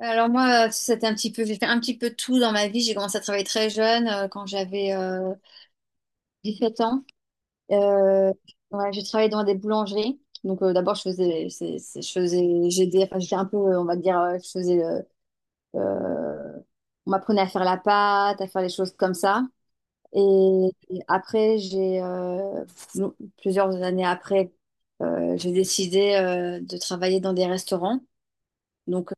Alors moi, c'était un petit peu, j'ai fait un petit peu tout dans ma vie. J'ai commencé à travailler très jeune, quand j'avais 17 ans. Euh, ouais, j'ai travaillé dans des boulangeries. D'abord, je faisais, c'est- je faisais, j'aidais, enfin j'étais un peu, on va dire, euh, on m'apprenait à faire la pâte, à faire les choses comme ça. Et, et après, j'ai plusieurs années après, j'ai décidé de travailler dans des restaurants. Donc,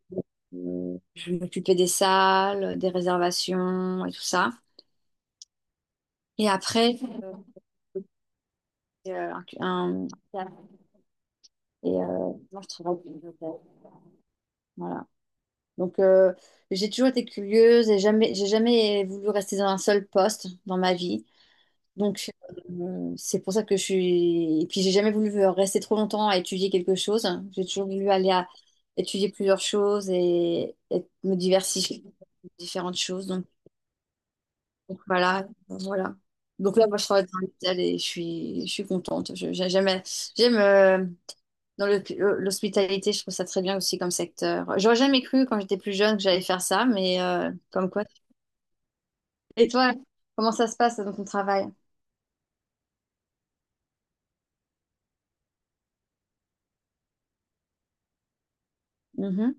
je m'occupais des salles, des réservations et tout ça. Et après, euh, un, un- moi, je travaille pour une hôtel. Voilà. Donc, euh, j'ai toujours été curieuse et jamais, j'ai jamais voulu rester dans un seul poste dans ma vie. Donc, c'est pour ça que je suis. Et puis, j'ai jamais voulu rester trop longtemps à étudier quelque chose. J'ai toujours voulu aller à étudier plusieurs choses et me diversifier dans différentes choses. Donc voilà, voilà. Donc là, moi, je travaille dans l'hôpital et je suis contente. J'aime euh, dans le- L'hospitalité, je trouve ça très bien aussi comme secteur. J'aurais jamais cru quand j'étais plus jeune que j'allais faire ça, mais comme quoi. Et toi, comment ça se passe dans ton travail? Mhm.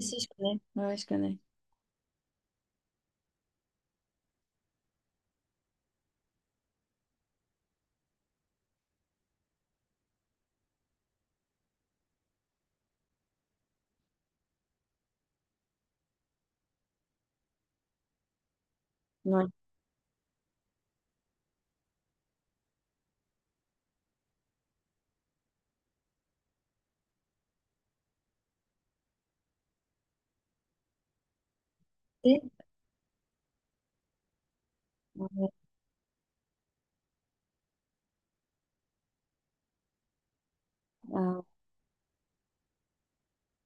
Si, je connais. Ouais, je connais. Ouais. Et- ouais, euh,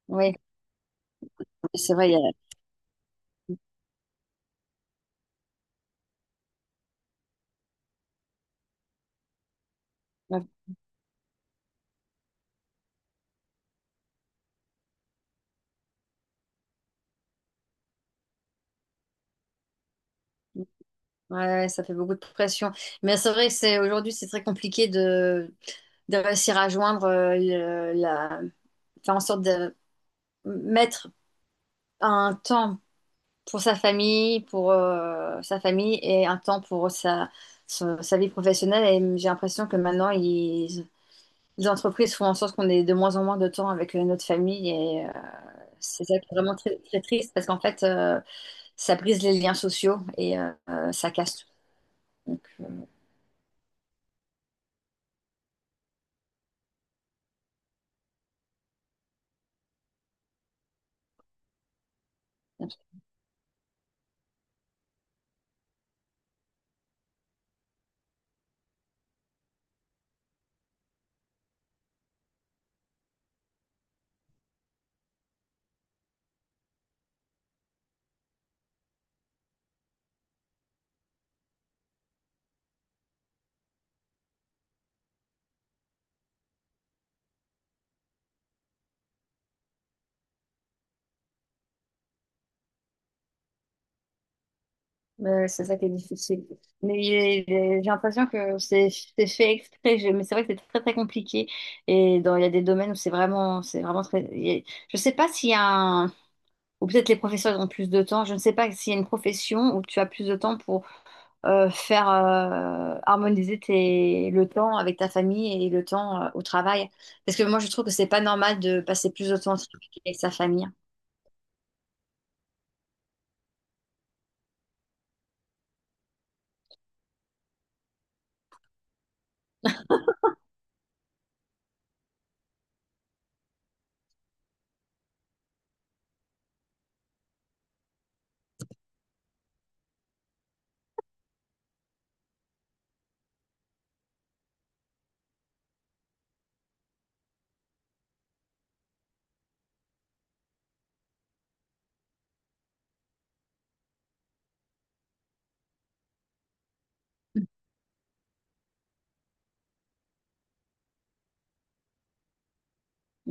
ouais, c'est vrai, il y a- ouais, ouais, ça fait beaucoup de pression. Mais c'est vrai que c'est aujourd'hui, c'est très compliqué de réussir à joindre, faire en sorte de mettre un temps pour sa famille et un temps pour sa vie professionnelle. Et j'ai l'impression que maintenant, les entreprises font en sorte qu'on ait de moins en moins de temps avec notre famille. Et c'est ça qui est vraiment très, très triste parce qu'en fait, ça brise les liens sociaux et ça casse tout. Donc, euh, c'est ça qui est difficile. Mais j'ai l'impression que c'est fait exprès. Mais c'est vrai que c'est très très compliqué. Et dans, il y a des domaines où c'est vraiment très. Je sais pas s'il y a un. Ou peut-être les professeurs ont plus de temps. Je ne sais pas s'il y a une profession où tu as plus de temps pour faire harmoniser le temps avec ta famille et le temps au travail. Parce que moi, je trouve que c'est pas normal de passer plus de temps au travail qu'avec sa famille.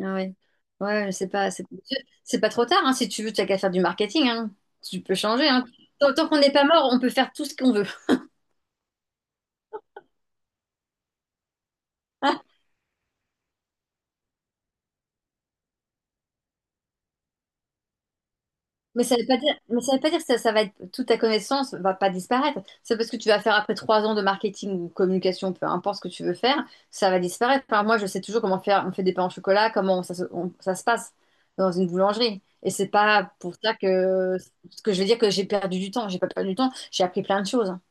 Ah ouais, ouais, c'est pas trop tard, hein, si tu veux, tu as qu'à faire du marketing, hein. Tu peux changer, hein. Tant qu'on n'est pas mort, on peut faire tout ce qu'on veut. Mais ça veut pas dire, mais ça veut pas dire que ça va être, toute ta connaissance va pas disparaître. C'est parce que tu vas faire après trois ans de marketing ou communication, peu importe ce que tu veux faire, ça va disparaître. Enfin, moi, je sais toujours comment faire, on fait des pains au chocolat, comment ça se, on- ça se passe dans une boulangerie. Et c'est pas pour ça que je vais dire que j'ai perdu du temps. J'ai pas perdu du temps, j'ai appris plein de choses, hein.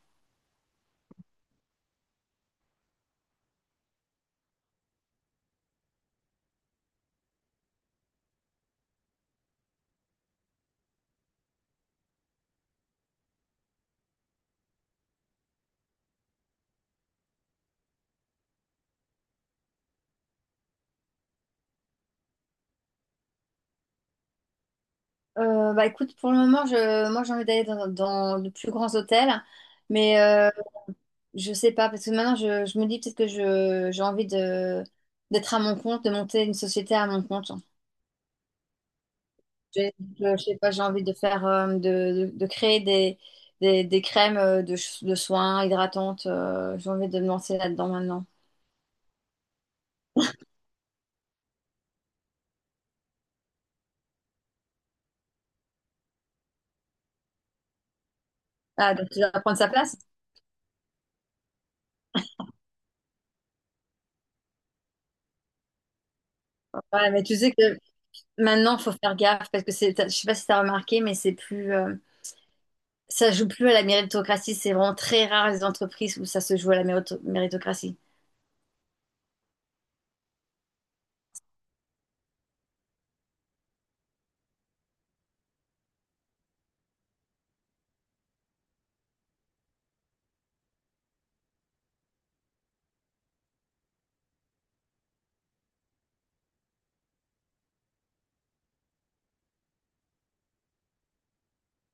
Bah écoute, pour le moment, moi j'ai envie d'aller dans de plus grands hôtels, mais je sais pas, parce que maintenant je me dis peut-être que j'ai envie d'être à mon compte, de monter une société à mon compte. Je, je sais pas, j'ai envie de de créer des crèmes de soins hydratantes, j'ai envie de me lancer là-dedans maintenant. Ah, donc tu vas prendre sa place? Ouais, mais tu sais que maintenant, faut faire gaffe, parce que c'est, je sais pas si t'as remarqué, mais c'est plus. Ça joue plus à la méritocratie. C'est vraiment très rare les entreprises où ça se joue à la méritocratie.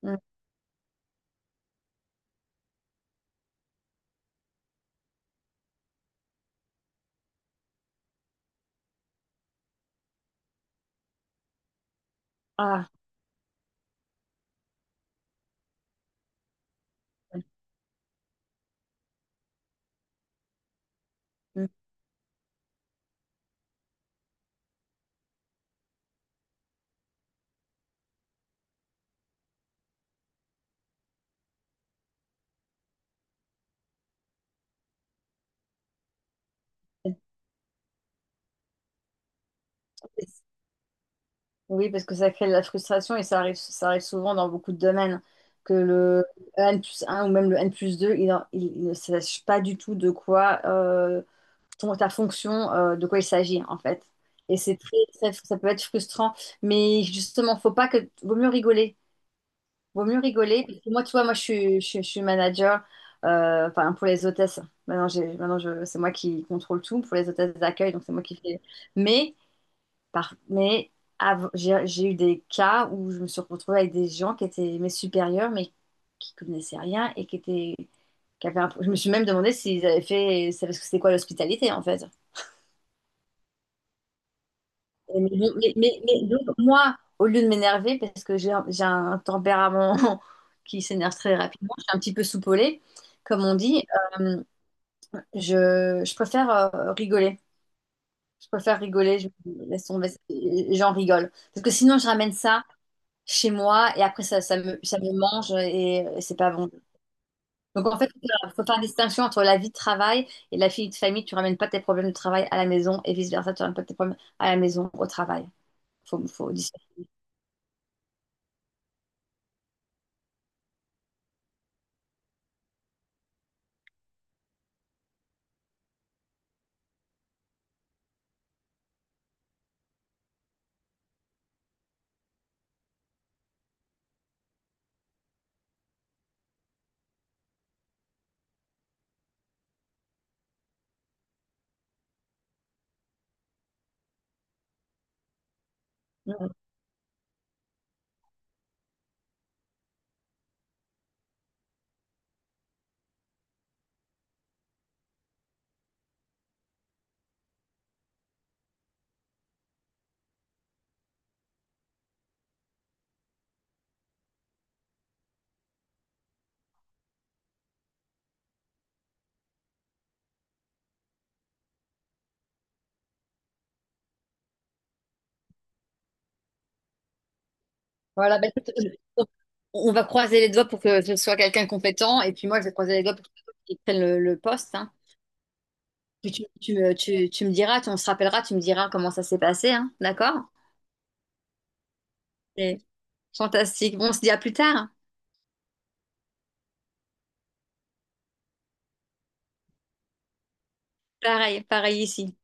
Mm. Ah. Mm. Oui, parce que ça crée de la frustration et ça arrive souvent dans beaucoup de domaines. Que le N plus un ou même le N plus 2, il ne sache pas du tout de quoi ta fonction, de quoi il s'agit en fait. Et c'est ça peut être frustrant, mais justement, faut pas que, vaut mieux rigoler. Vaut mieux rigoler. Parce que moi, tu vois, moi, je suis manager, enfin, pour les hôtesses. Maintenant, c'est moi qui contrôle tout pour les hôtesses d'accueil, donc c'est moi qui fais. Mais, mais j'ai eu des cas où je me suis retrouvée avec des gens qui étaient mes supérieurs, mais qui connaissaient rien et qui étaient, qui avaient un- je me suis même demandé s'ils avaient fait, savaient ce que c'était quoi l'hospitalité, en fait. Mais donc, moi, au lieu de m'énerver, parce que j'ai un tempérament qui s'énerve très rapidement, je suis un petit peu soupolée, comme on dit, euh, je préfère rigoler. Je préfère rigoler, je laisse tomber, et j'en rigole. Parce que sinon, je ramène ça chez moi et après, ça me mange et c'est pas bon. Donc en fait, il faut faire une distinction entre la vie de travail et la vie de famille. Tu ramènes pas tes problèmes de travail à la maison et vice-versa, tu ramènes pas tes problèmes à la maison au travail. Faut dissocier. Voilà, bah, écoute, on on va croiser les doigts pour que ce soit quelqu'un de compétent, et puis moi, je vais croiser les doigts pour qu'il prenne le poste, hein. Puis tu me diras, on se rappellera, tu me diras comment ça s'est passé, hein, d'accord? C'est fantastique. Bon, on se dit à plus tard, hein. Pareil, pareil ici.